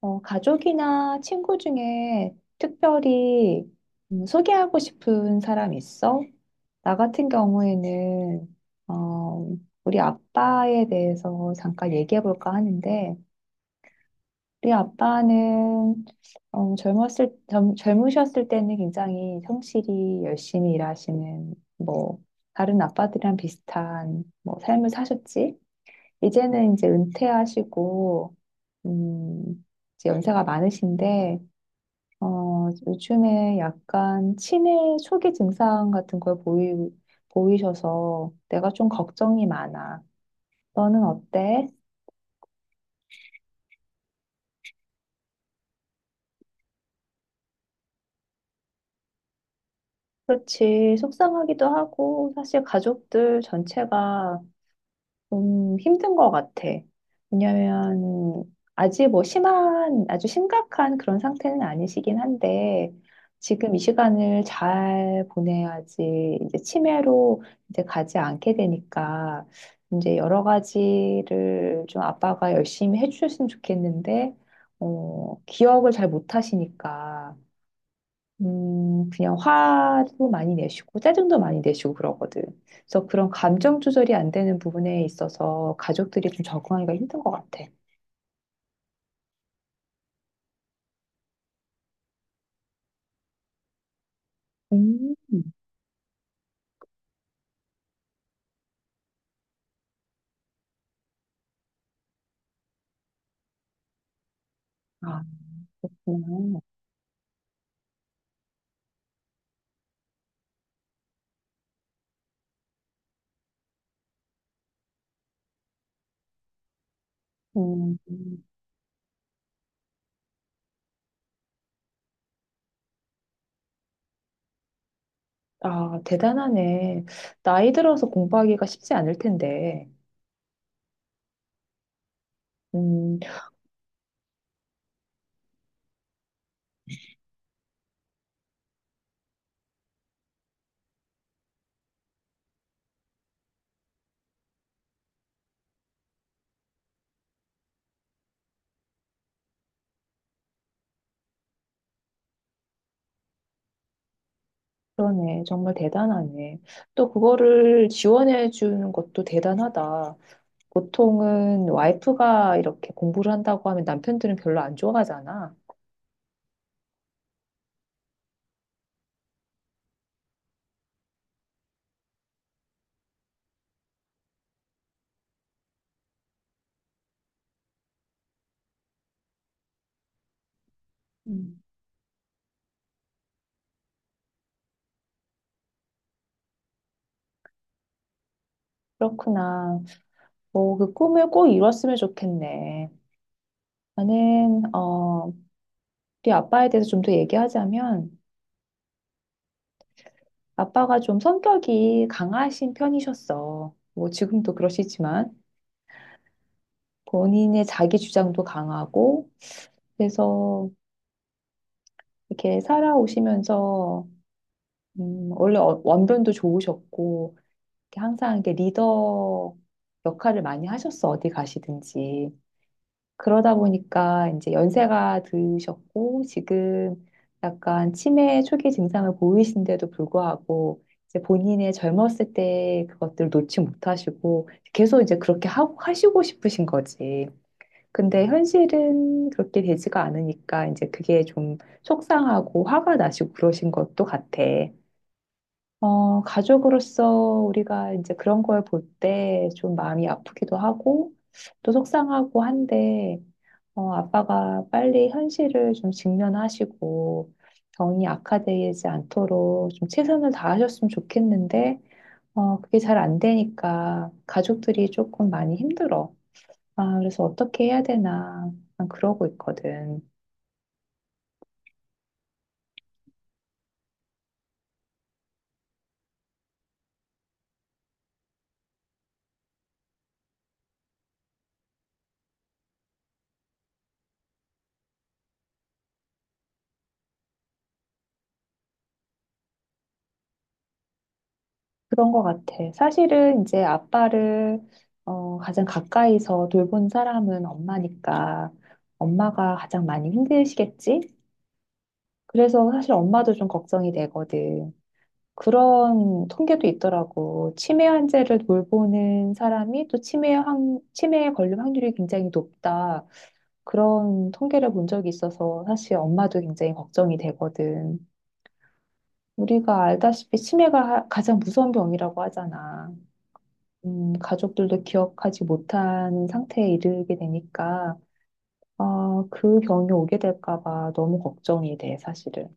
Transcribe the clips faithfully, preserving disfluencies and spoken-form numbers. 어, 가족이나 친구 중에 특별히 음, 소개하고 싶은 사람 있어? 나 같은 경우에는 어, 우리 아빠에 대해서 잠깐 얘기해 볼까 하는데 우리 아빠는 어, 젊었을 젊, 젊으셨을 때는 굉장히 성실히 열심히 일하시는 뭐 다른 아빠들이랑 비슷한 뭐 삶을 사셨지. 이제는 이제 은퇴하시고 음, 이제 연세가 많으신데 어, 요즘에 약간 치매 초기 증상 같은 걸 보이, 보이셔서 내가 좀 걱정이 많아. 너는 어때? 그렇지. 속상하기도 하고, 사실 가족들 전체가 좀 힘든 것 같아. 왜냐면, 아직 뭐 심한, 아주 심각한 그런 상태는 아니시긴 한데, 지금 이 시간을 잘 보내야지, 이제 치매로 이제 가지 않게 되니까, 이제 여러 가지를 좀 아빠가 열심히 해주셨으면 좋겠는데, 어, 기억을 잘 못하시니까, 음, 그냥 화도 많이 내시고 짜증도 많이 내시고 그러거든. 그래서 그런 감정 조절이 안 되는 부분에 있어서 가족들이 좀 적응하기가 힘든 것 같아. 음, 아, 그렇구나. 음, 음. 아, 대단하네. 나이 들어서 공부하기가 쉽지 않을 텐데. 음, 그러네. 정말 대단하네. 또 그거를 지원해 주는 것도 대단하다. 보통은 와이프가 이렇게 공부를 한다고 하면 남편들은 별로 안 좋아하잖아. 음. 그렇구나. 오, 그 꿈을 꼭 이뤘으면 좋겠네. 나는, 어, 우리 아빠에 대해서 좀 더 얘기하자면, 아빠가 좀 성격이 강하신 편이셨어. 뭐, 지금도 그러시지만, 본인의 자기 주장도 강하고, 그래서 이렇게 살아오시면서, 음, 원래 어- 원변도 좋으셨고, 이렇게 항상 이렇게 리더 역할을 많이 하셨어, 어디 가시든지. 그러다 보니까 이제 연세가 드셨고 지금 약간 치매 초기 증상을 보이신데도 불구하고 이제 본인의 젊었을 때 그것들을 놓지 못하시고 계속 이제 그렇게 하고 하시고 싶으신 거지. 근데 현실은 그렇게 되지가 않으니까 이제 그게 좀 속상하고 화가 나시고 그러신 것도 같아. 어, 가족으로서 우리가 이제 그런 걸 볼 때 좀 마음이 아프기도 하고 또 속상하고 한데 어, 아빠가 빨리 현실을 좀 직면하시고 병이 악화되지 않도록 좀 최선을 다하셨으면 좋겠는데 어, 그게 잘 안 되니까 가족들이 조금 많이 힘들어. 아, 그래서 어떻게 해야 되나 난 그러고 있거든. 그런 것 같아. 사실은 이제 아빠를 어, 가장 가까이서 돌본 사람은 엄마니까 엄마가 가장 많이 힘드시겠지? 그래서 사실 엄마도 좀 걱정이 되거든. 그런 통계도 있더라고. 치매 환자를 돌보는 사람이 또 치매 환, 치매에 걸릴 확률이 굉장히 높다. 그런 통계를 본 적이 있어서 사실 엄마도 굉장히 걱정이 되거든. 우리가 알다시피 치매가 하- 가장 무서운 병이라고 하잖아. 음, 가족들도 기억하지 못하는 상태에 이르게 되니까, 아, 그 병이 오게 될까 봐 너무 걱정이 돼, 사실은.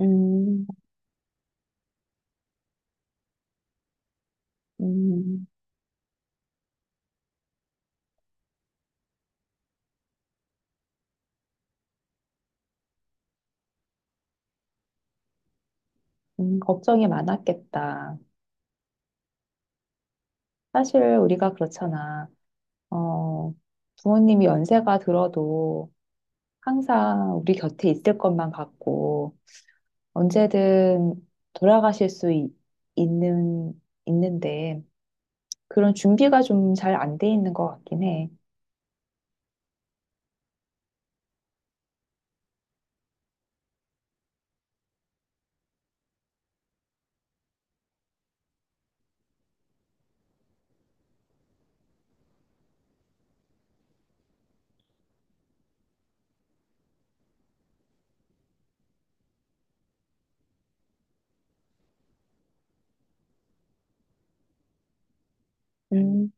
음, 음, 음, 걱정이 많았겠다. 사실 우리가 그렇잖아. 어, 부모님이 연세가 들어도 항상 우리 곁에 있을 것만 같고, 언제든 돌아가실 수 있, 있는, 있는데, 그런 준비가 좀 잘 안 돼 있는 것 같긴 해. 음,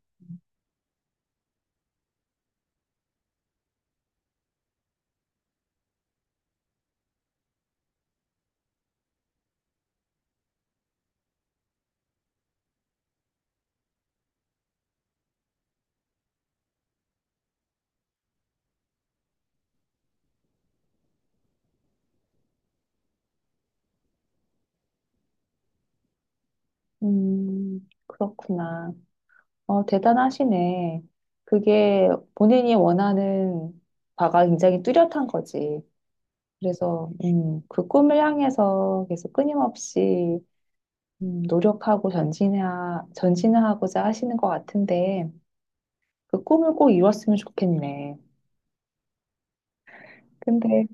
음, 그렇구나. 어, 대단하시네. 그게 본인이 원하는 바가 굉장히 뚜렷한 거지. 그래서, 음, 그 꿈을 향해서 계속 끊임없이, 음, 노력하고 전진해, 전진하고자 하시는 것 같은데, 그 꿈을 꼭 이뤘으면 좋겠네. 근데,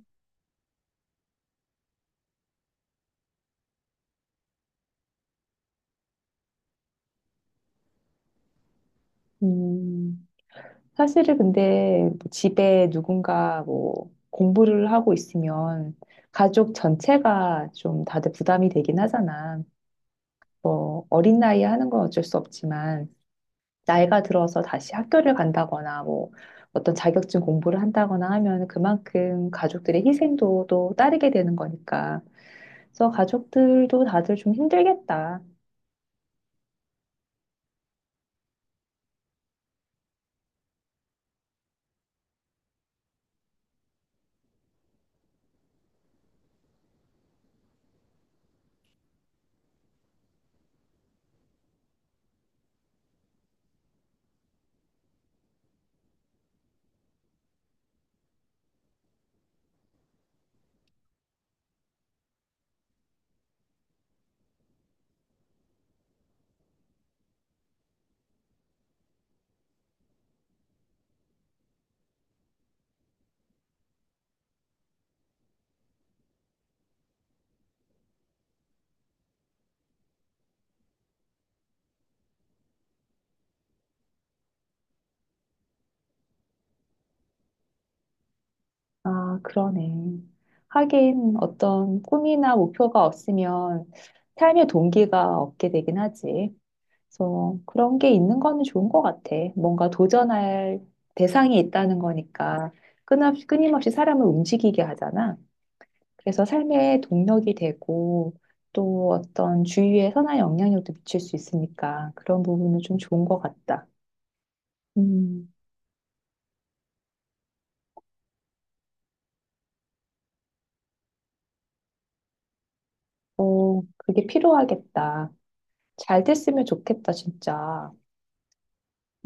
음, 사실은 근데 뭐 집에 누군가 뭐 공부를 하고 있으면 가족 전체가 좀 다들 부담이 되긴 하잖아. 뭐 어린 나이에 하는 건 어쩔 수 없지만 나이가 들어서 다시 학교를 간다거나 뭐 어떤 자격증 공부를 한다거나 하면 그만큼 가족들의 희생도 또 따르게 되는 거니까. 그래서 가족들도 다들 좀 힘들겠다. 아, 그러네. 하긴 어떤 꿈이나 목표가 없으면 삶의 동기가 없게 되긴 하지. 그래서 그런 게 있는 거는 좋은 것 같아. 뭔가 도전할 대상이 있다는 거니까 끊임없이, 끊임없이 사람을 움직이게 하잖아. 그래서 삶의 동력이 되고 또 어떤 주위에 선한 영향력도 미칠 수 있으니까 그런 부분은 좀 좋은 것 같다. 음, 어, 그게 필요하겠다. 잘 됐으면 좋겠다, 진짜.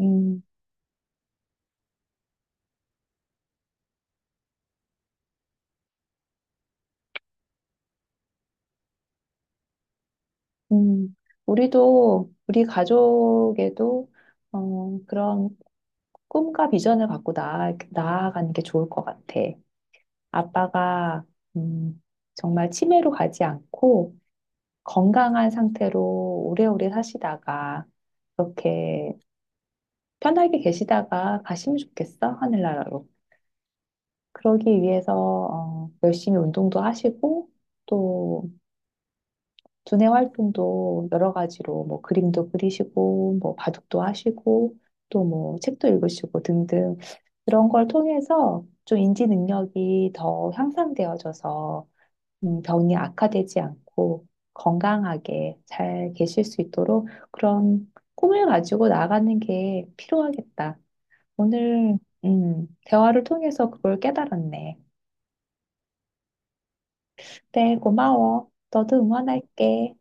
음, 음. 우리도, 우리 가족에도 어, 그런 꿈과 비전을 갖고 나아, 나아가는 게 좋을 것 같아. 아빠가, 음, 정말 치매로 가지 않고 건강한 상태로 오래오래 사시다가 그렇게 편하게 계시다가 가시면 좋겠어, 하늘나라로. 그러기 위해서, 어, 열심히 운동도 하시고 또 두뇌 활동도 여러 가지로 뭐 그림도 그리시고 뭐 바둑도 하시고 또 뭐 책도 읽으시고 등등 그런 걸 통해서 좀 인지 능력이 더 향상되어져서 음, 병이 악화되지 않고 건강하게 잘 계실 수 있도록 그런 꿈을 가지고 나가는 게 필요하겠다. 오늘 음, 대화를 통해서 그걸 깨달았네. 그래, 고마워. 너도 응원할게.